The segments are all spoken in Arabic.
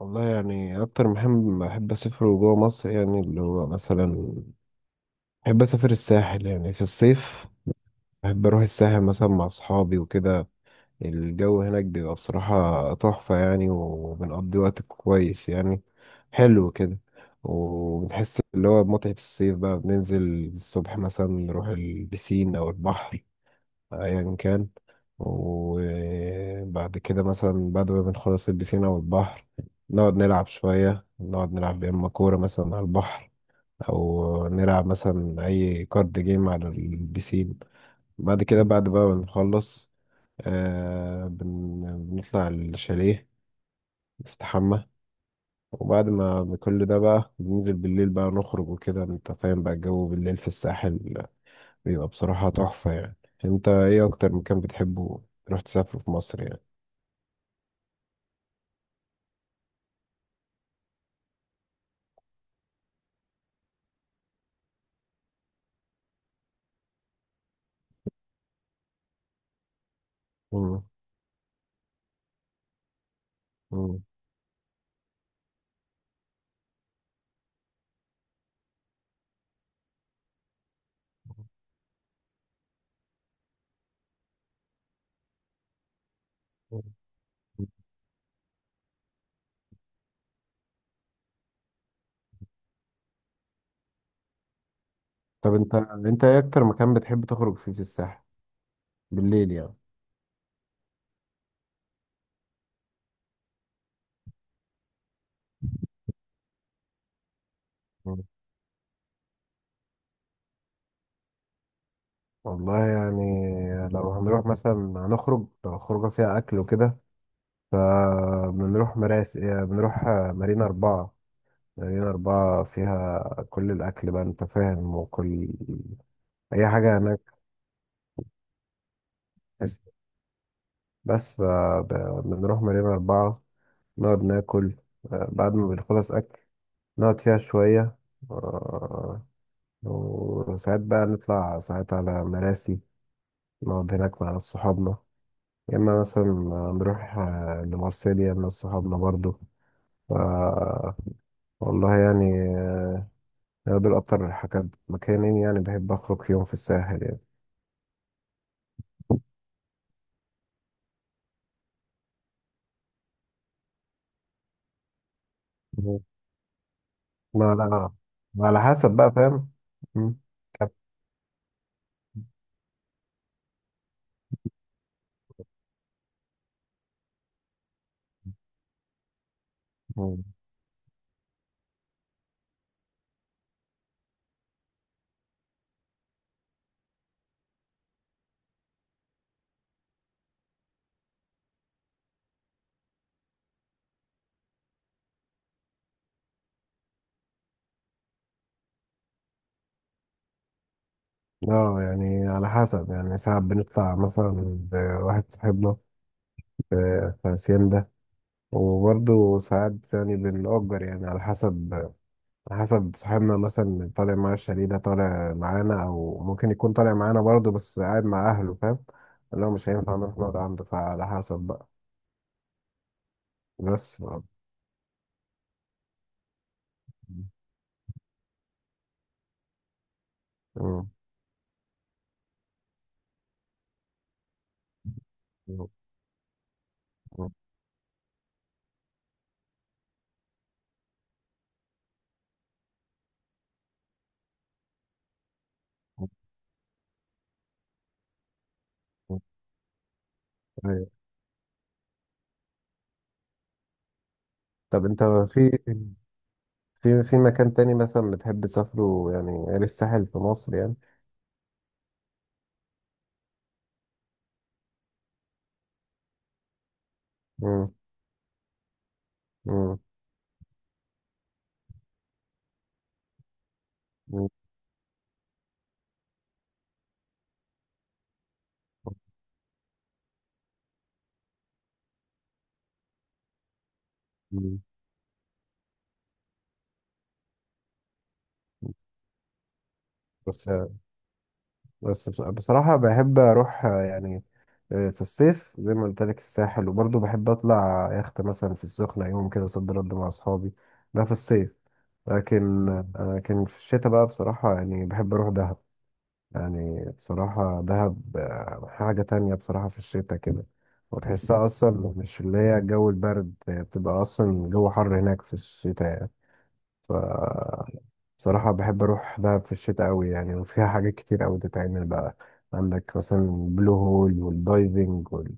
والله يعني أكتر مهم بحب أسافره جوه مصر، يعني اللي هو مثلا بحب أسافر الساحل يعني في الصيف. بحب أروح الساحل مثلا مع أصحابي وكده. الجو هناك بيبقى بصراحة تحفة يعني، وبنقضي وقت كويس يعني، حلو كده. وبنحس اللي هو بمتعة الصيف بقى، بننزل الصبح مثلا نروح البسين أو البحر ايا كان. وبعد كده مثلا بعد ما بنخلص البسين او البحر، نقعد نلعب شوية، نقعد نلعب يا اما كورة مثلا على البحر، او نلعب مثلا اي كارد جيم على البسين. بعد كده بعد بقى ما بنخلص، آه بن... بنطلع الشاليه، نستحمى. وبعد ما كل ده بقى بننزل بالليل بقى نخرج وكده، انت فاهم، بقى الجو بالليل في الساحل بيبقى بصراحة تحفة يعني. انت ايه اكتر مكان بتحبه تروح تسافره في مصر يعني؟ مم. مم. طب انت ايه اكتر مكان بتحب تخرج فيه في الساحل بالليل يعني؟ مم. والله يعني لو هنروح مثلا، هنخرج لو خروجة فيها اكل وكده، فبنروح مراسي، بنروح مارينا 4. مارينا أربعة فيها كل الأكل بقى، أنت فاهم، وكل أي حاجة هناك. بس فبنروح مارينا أربعة، نقعد ناكل. بعد ما بنخلص أكل نقعد فيها شوية. آه، وساعات بقى نطلع ساعات على مراسي، نقعد هناك مع ناس صحابنا. يا إما مثلا نروح لمارسيليا مع صحابنا برضو. ف- والله يعني دول أكتر حاجات مكانين يعني بحب أخرج فيهم في الساحل يعني. مم. ما على ما على حسب بقى فاهم. مم. طب، مم. اه يعني على حسب، يعني ساعات بنطلع مثلا عند واحد صاحبنا في في هاسيندا، وبرضه ساعات يعني بنأجر، يعني على حسب. على حسب صاحبنا مثلا، اللي طالع معاه الشاليه ده طالع معانا، أو ممكن يكون طالع معانا برضه بس قاعد مع أهله، فاهم؟ اللي هو مش هينفع نروح نقعد عنده، فعلى حسب بقى. بس مم. مم. مم. أيوة. طب أنت في مكان تاني مثلا بتحب تسافره يعني غير الساحل في مصر يعني؟ مم. مم. مم. بس بصراحة بحب أروح يعني في الصيف زي ما قلت لك الساحل، وبرضه بحب اطلع يخت مثلا في السخنة يوم كده صد رد مع اصحابي. ده في الصيف. لكن لكن في الشتاء بقى بصراحة يعني بحب اروح دهب. يعني بصراحة دهب حاجة تانية بصراحة في الشتاء كده. وتحسها اصلا مش اللي هي الجو البرد، بتبقى اصلا الجو حر هناك في الشتاء يعني. ف بصراحة بحب أروح دهب في الشتاء أوي يعني، وفيها حاجات كتير أوي تتعمل بقى. عندك مثلا البلو هول والدايفنج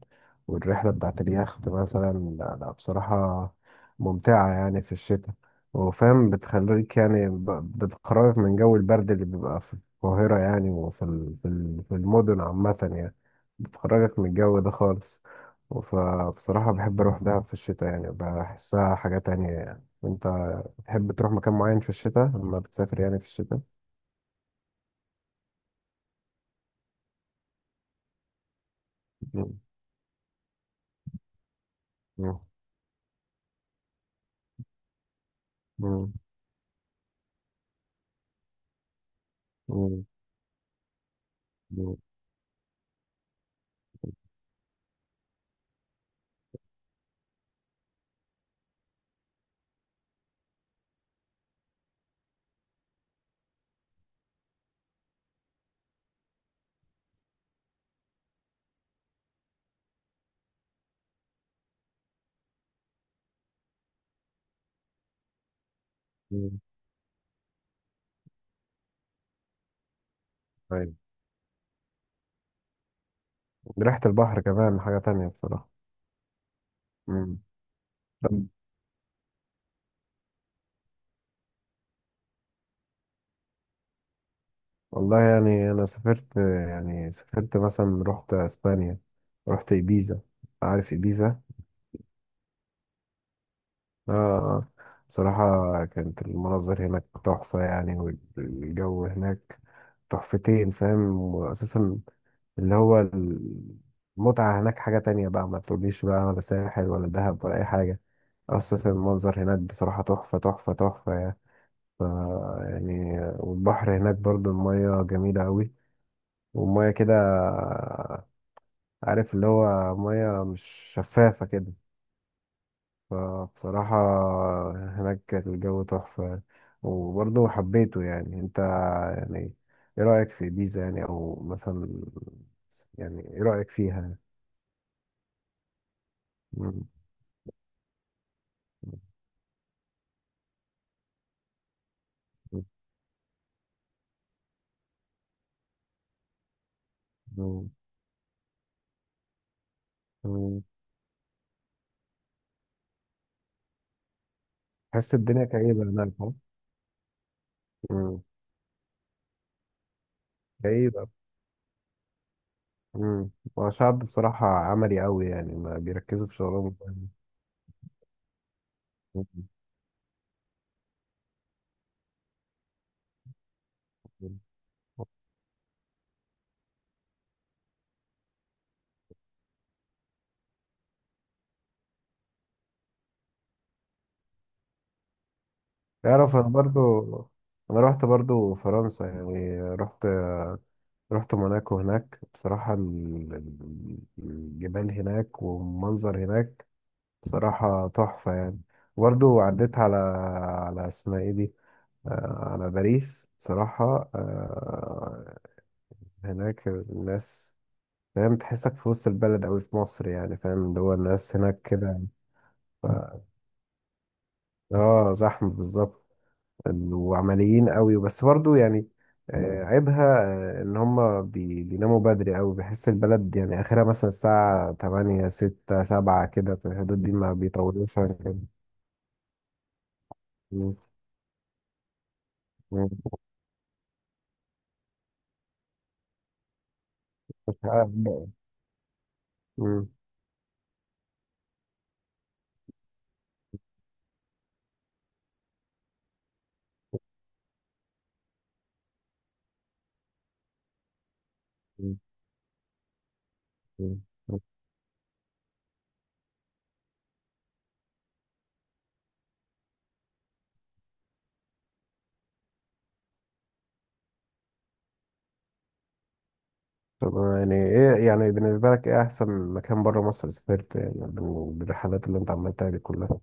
والرحلة بتاعت اليخت مثلا. لا لا بصراحة ممتعة يعني في الشتاء. وفاهم بتخليك يعني بتخرجك من جو البرد اللي بيبقى في القاهرة يعني، وفي في المدن عامة يعني، بتخرجك من الجو ده خالص. فبصراحة بحب أروح دهب في الشتاء يعني، بحسها حاجة تانية يعني. وأنت تحب تروح مكان معين في الشتاء لما بتسافر يعني في الشتاء؟ مم. مم. مم. مم. مم. مم. أيوة. ريحة البحر كمان حاجة تانية بصراحة. مم. طب والله يعني أنا سافرت، يعني سافرت مثلا رحت أسبانيا، رحت إيبيزا. عارف إيبيزا؟ آه آه. بصراحة كانت المناظر هناك تحفة يعني، والجو هناك تحفتين، فاهم. وأساسا اللي هو المتعة هناك حاجة تانية بقى، ما تقوليش بقى ولا ساحل ولا دهب ولا أي حاجة. أساسا المنظر هناك بصراحة تحفة تحفة تحفة يعني. ف يعني والبحر هناك برضو المية جميلة أوي، والمية كده، عارف، اللي هو مية مش شفافة كده. فبصراحة هناك الجو تحفة يعني. وبرضو حبيته يعني. أنت يعني إيه رأيك في بيزا يعني، أو مثلا، يعني إيه رأيك فيها؟ مم. مم. مم. تحس الدنيا كئيبة هناك، ها؟ مم. كئيبة. مم. هو شعب بصراحة عملي أوي يعني، ما بيركزوا في شغلهم. مم. يعرف أنا برضو، أنا رحت برضو فرنسا يعني، رحت، رحت موناكو. هناك بصراحة الجبال هناك والمنظر هناك بصراحة تحفة يعني. برضو عديت على، على اسمها ايه دي، على باريس بصراحة. هناك الناس، فاهم، تحسك في وسط البلد أوي في مصر يعني، فاهم، اللي هو الناس هناك كده. ف... اه زحمة بالظبط، وعمليين أوي. بس برضو يعني عيبها إن هما بيناموا بدري أوي، بحس البلد يعني آخرها مثلا الساعة 8، 6، 7 كده، في الحدود دي ما بيطولوش عن كده. مم. مم. آه، مم. مم. مم. طب يعني ايه يعني بالنسبة لك ايه احسن مكان بره مصر سافرت يعني بالرحلات اللي انت عملتها دي كلها؟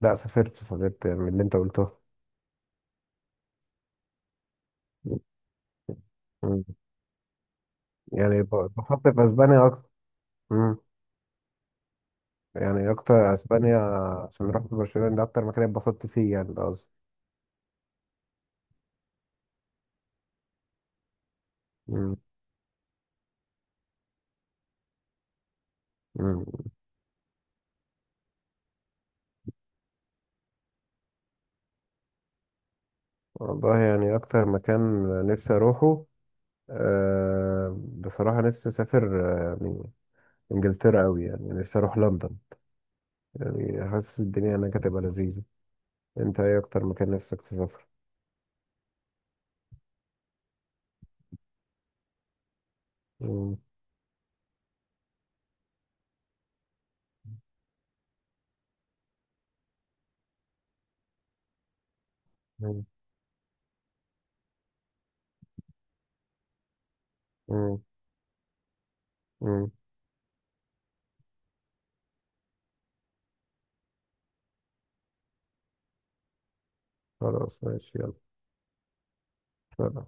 لا سافرت سافرت يعني من اللي انت قلته. مم. يعني بفضل في اسبانيا اكتر. مم. يعني اكتر اسبانيا، عشان رحت برشلونة، ده اكتر مكان اتبسطت فيه يعني، ده قصدي. مم. مم. والله يعني اكتر مكان نفسي اروحه، أه بصراحة نفسي اسافر يعني انجلترا قوي، يعني نفسي اروح لندن. يعني حاسس الدنيا هناك هتبقى لذيذة. انت ايه اكتر مكان نفسك تسافر؟ مم. مم. مم. مم. خلاص ماشي يلا. سلام.